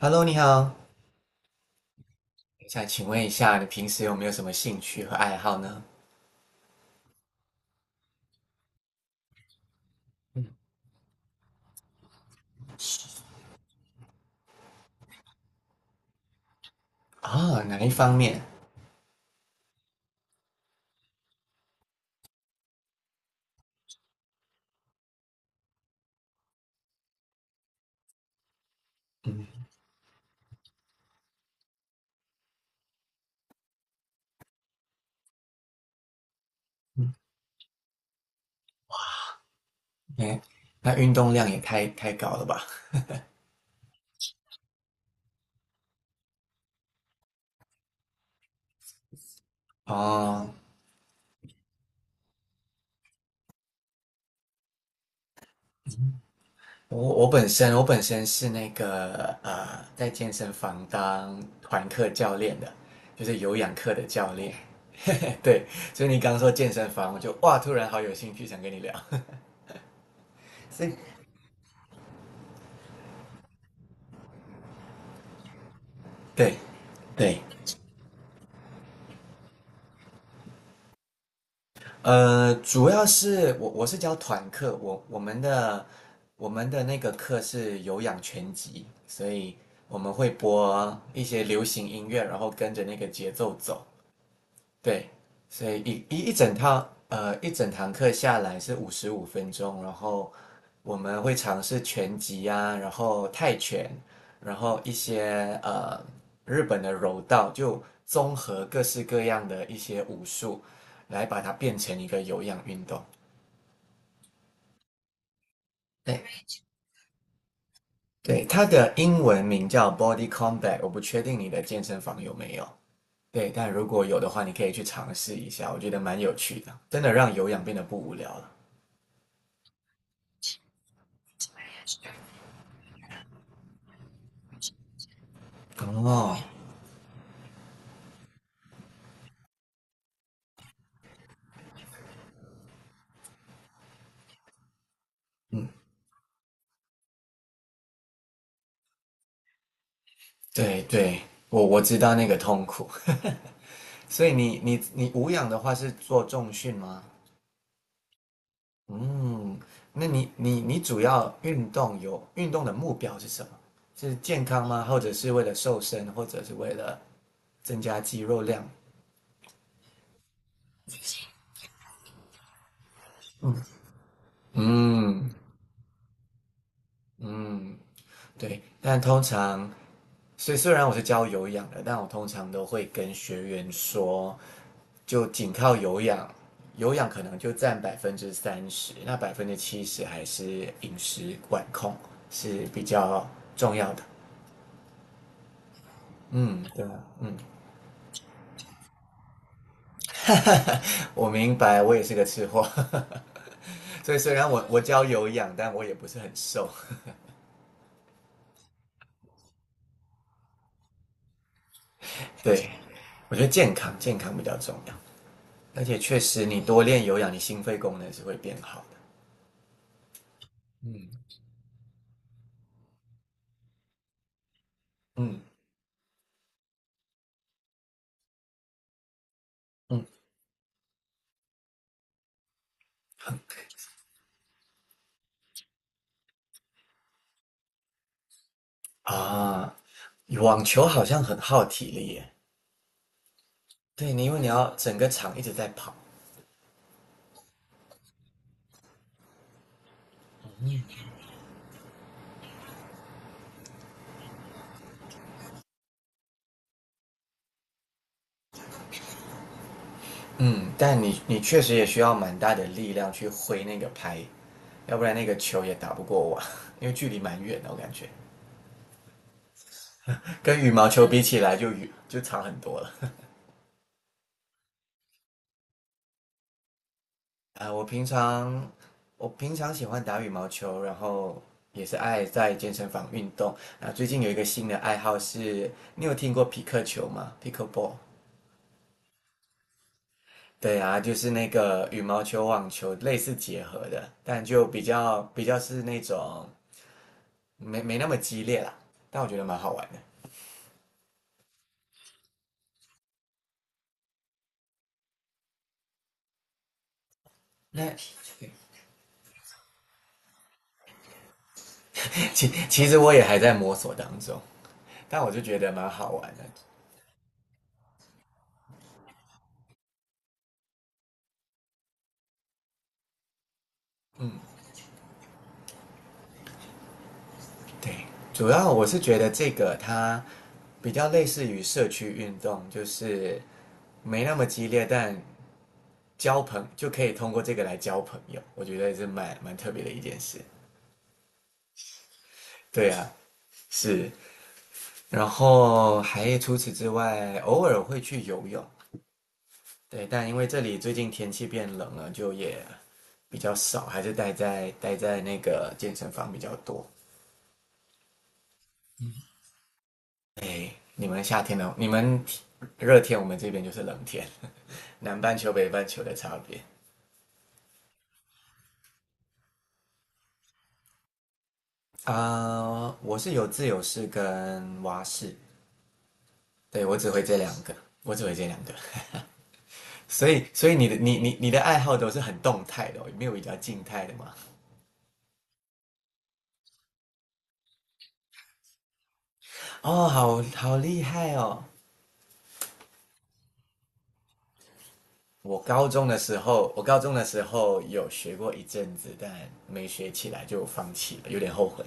Hello，你好，想请问一下，你平时有没有什么兴趣和爱好呢？啊、哪一方面？嗯嗯，哎，那运动量也太高了吧？哦，我本身是那个在健身房当团课教练的，就是有氧课的教练。嘿嘿，对，所以你刚说健身房，我就哇，突然好有兴趣，想跟你聊。是，对对，主要是我是教团课，我们的那个课是有氧拳击，所以我们会播一些流行音乐，然后跟着那个节奏走。对，所以一整堂课下来是55分钟，然后我们会尝试拳击啊，然后泰拳，然后一些日本的柔道，就综合各式各样的一些武术，来把它变成一个有氧运动。对，对，它的英文名叫 Body Combat，我不确定你的健身房有没有。对，但如果有的话，你可以去尝试一下，我觉得蛮有趣的，真的让有氧变得不无聊了。哦，冒，嗯，对对，我知道那个痛苦。所以你无氧的话是做重训吗？嗯，那你主要运动有运动的目标是什么？是健康吗？或者是为了瘦身，或者是为了增加肌肉量？嗯嗯，对，但通常，虽然我是教有氧的，但我通常都会跟学员说，就仅靠有氧，有氧可能就占30%，那70%还是饮食管控是比较重要的。对啊，我明白，我也是个吃货，所以虽然我教有氧，但我也不是很瘦。对，我觉得健康比较重要，而且确实你多练有氧，你心肺功能是会变好的。嗯，嗯嗯。啊，网球好像很耗体力耶。对，因为你要整个场一直在跑，嗯，但你确实也需要蛮大的力量去挥那个拍，要不然那个球也打不过我，因为距离蛮远的，我感觉跟羽毛球比起来就长很多了。啊，我平常喜欢打羽毛球，然后也是爱在健身房运动。啊，最近有一个新的爱好是，你有听过匹克球吗？Pickleball。对啊，就是那个羽毛球、网球类似结合的，但就比较是那种没那么激烈啦，但我觉得蛮好玩的。那 其实我也还在摸索当中，但我就觉得蛮好玩的。对，主要我是觉得这个它比较类似于社区运动，就是没那么激烈，但交朋就可以通过这个来交朋友，我觉得是蛮特别的一件事。对啊，是。然后还除此之外，偶尔会去游泳，对，但因为这里最近天气变冷了，就也比较少，还是待在那个健身房比较多。哎，你们夏天呢？你们热天，我们这边就是冷天，南半球北半球的差别。啊、我是有自由式跟蛙式，对，我只会这两个，我只会这两个。所以你的你的爱好都是很动态的、哦，没有比较静态的吗？哦，好厉害哦！我高中的时候有学过一阵子，但没学起来就放弃了，有点后悔。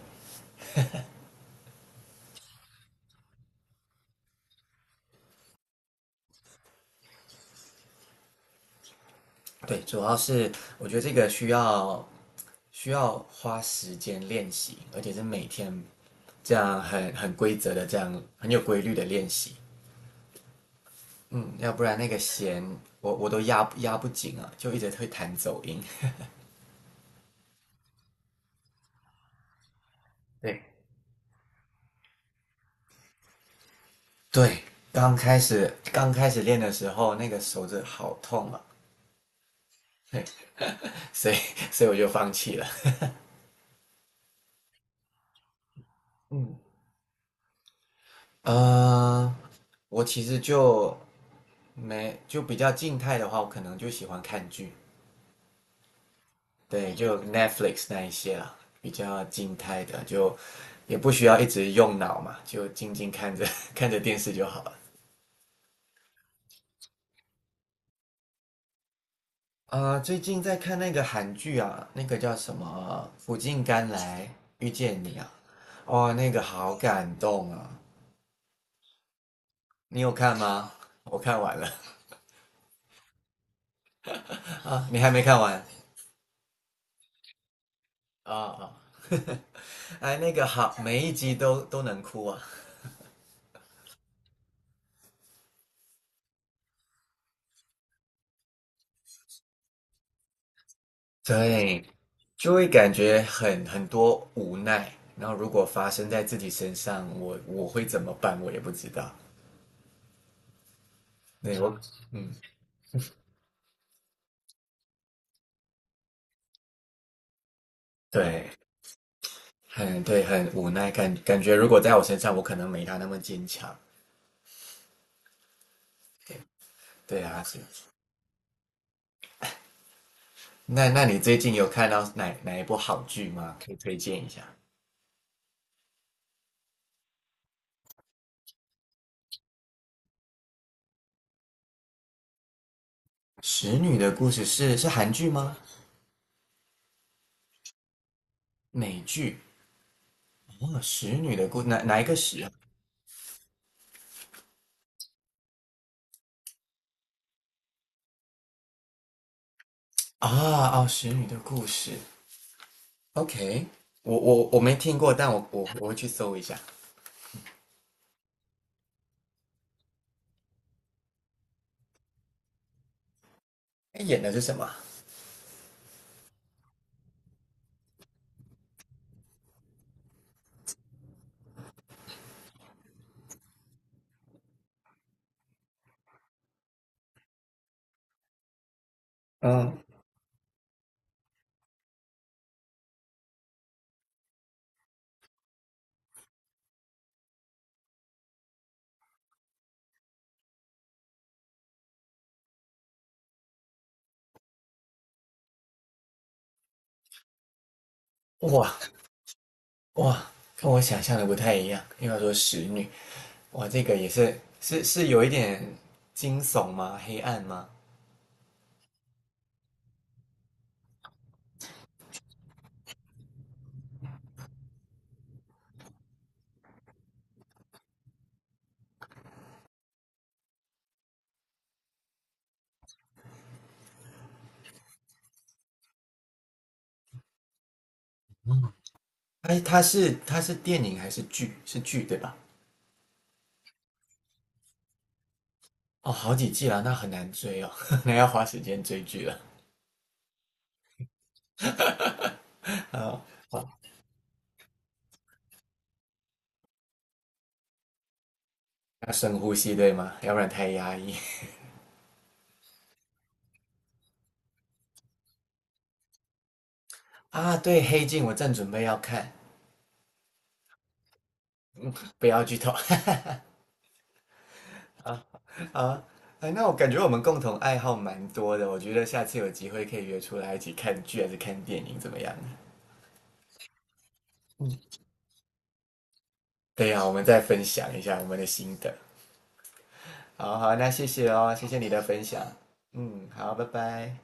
对，主要是我觉得这个需要花时间练习，而且是每天这样很有规律的练习。嗯，要不然那个弦我都压不紧啊，就一直会弹走音。对对，刚开始练的时候，那个手指好痛啊，对，所以所以我就放弃了。嗯，呃，我其实就没就比较静态的话，我可能就喜欢看剧，对，就 Netflix 那一些啦，比较静态的，就也不需要一直用脑嘛，就静静看着 看着电视就好了。啊，最近在看那个韩剧啊，那个叫什么《苦尽甘来遇见你》啊，哦，那个好感动啊！你有看吗？我看完了。 啊，你还没看完？啊啊，哎，那个好，每一集都能哭啊，对，就会感觉很多无奈。然后如果发生在自己身上，我会怎么办？我也不知道。对我，嗯，对，很对，很无奈，感觉如果在我身上，我可能没他那么坚强。对啊，是。那你最近有看到哪一部好剧吗？可以推荐一下。使女的故事是韩剧吗？美剧？哦，使女的故哪一个使啊？啊哦，使女的故事。OK，我没听过，但我会去搜一下。哎，演的是什么啊？嗯，哇哇，跟我想象的不太一样。因为要说使女，哇，这个也是有一点惊悚吗？黑暗吗？哎，它是电影还是剧？是剧对吧？哦，好几季了，那很难追哦，那要花时间追剧了。啊、好，要深呼吸对吗？要不然太压抑啊。对，《黑镜》我正准备要看，不要剧透。啊，哎，那我感觉我们共同爱好蛮多的，我觉得下次有机会可以约出来一起看剧还是看电影，怎么样？对呀、我们再分享一下我们的心得。好好，那谢谢哦，谢谢你的分享。嗯，好，拜拜。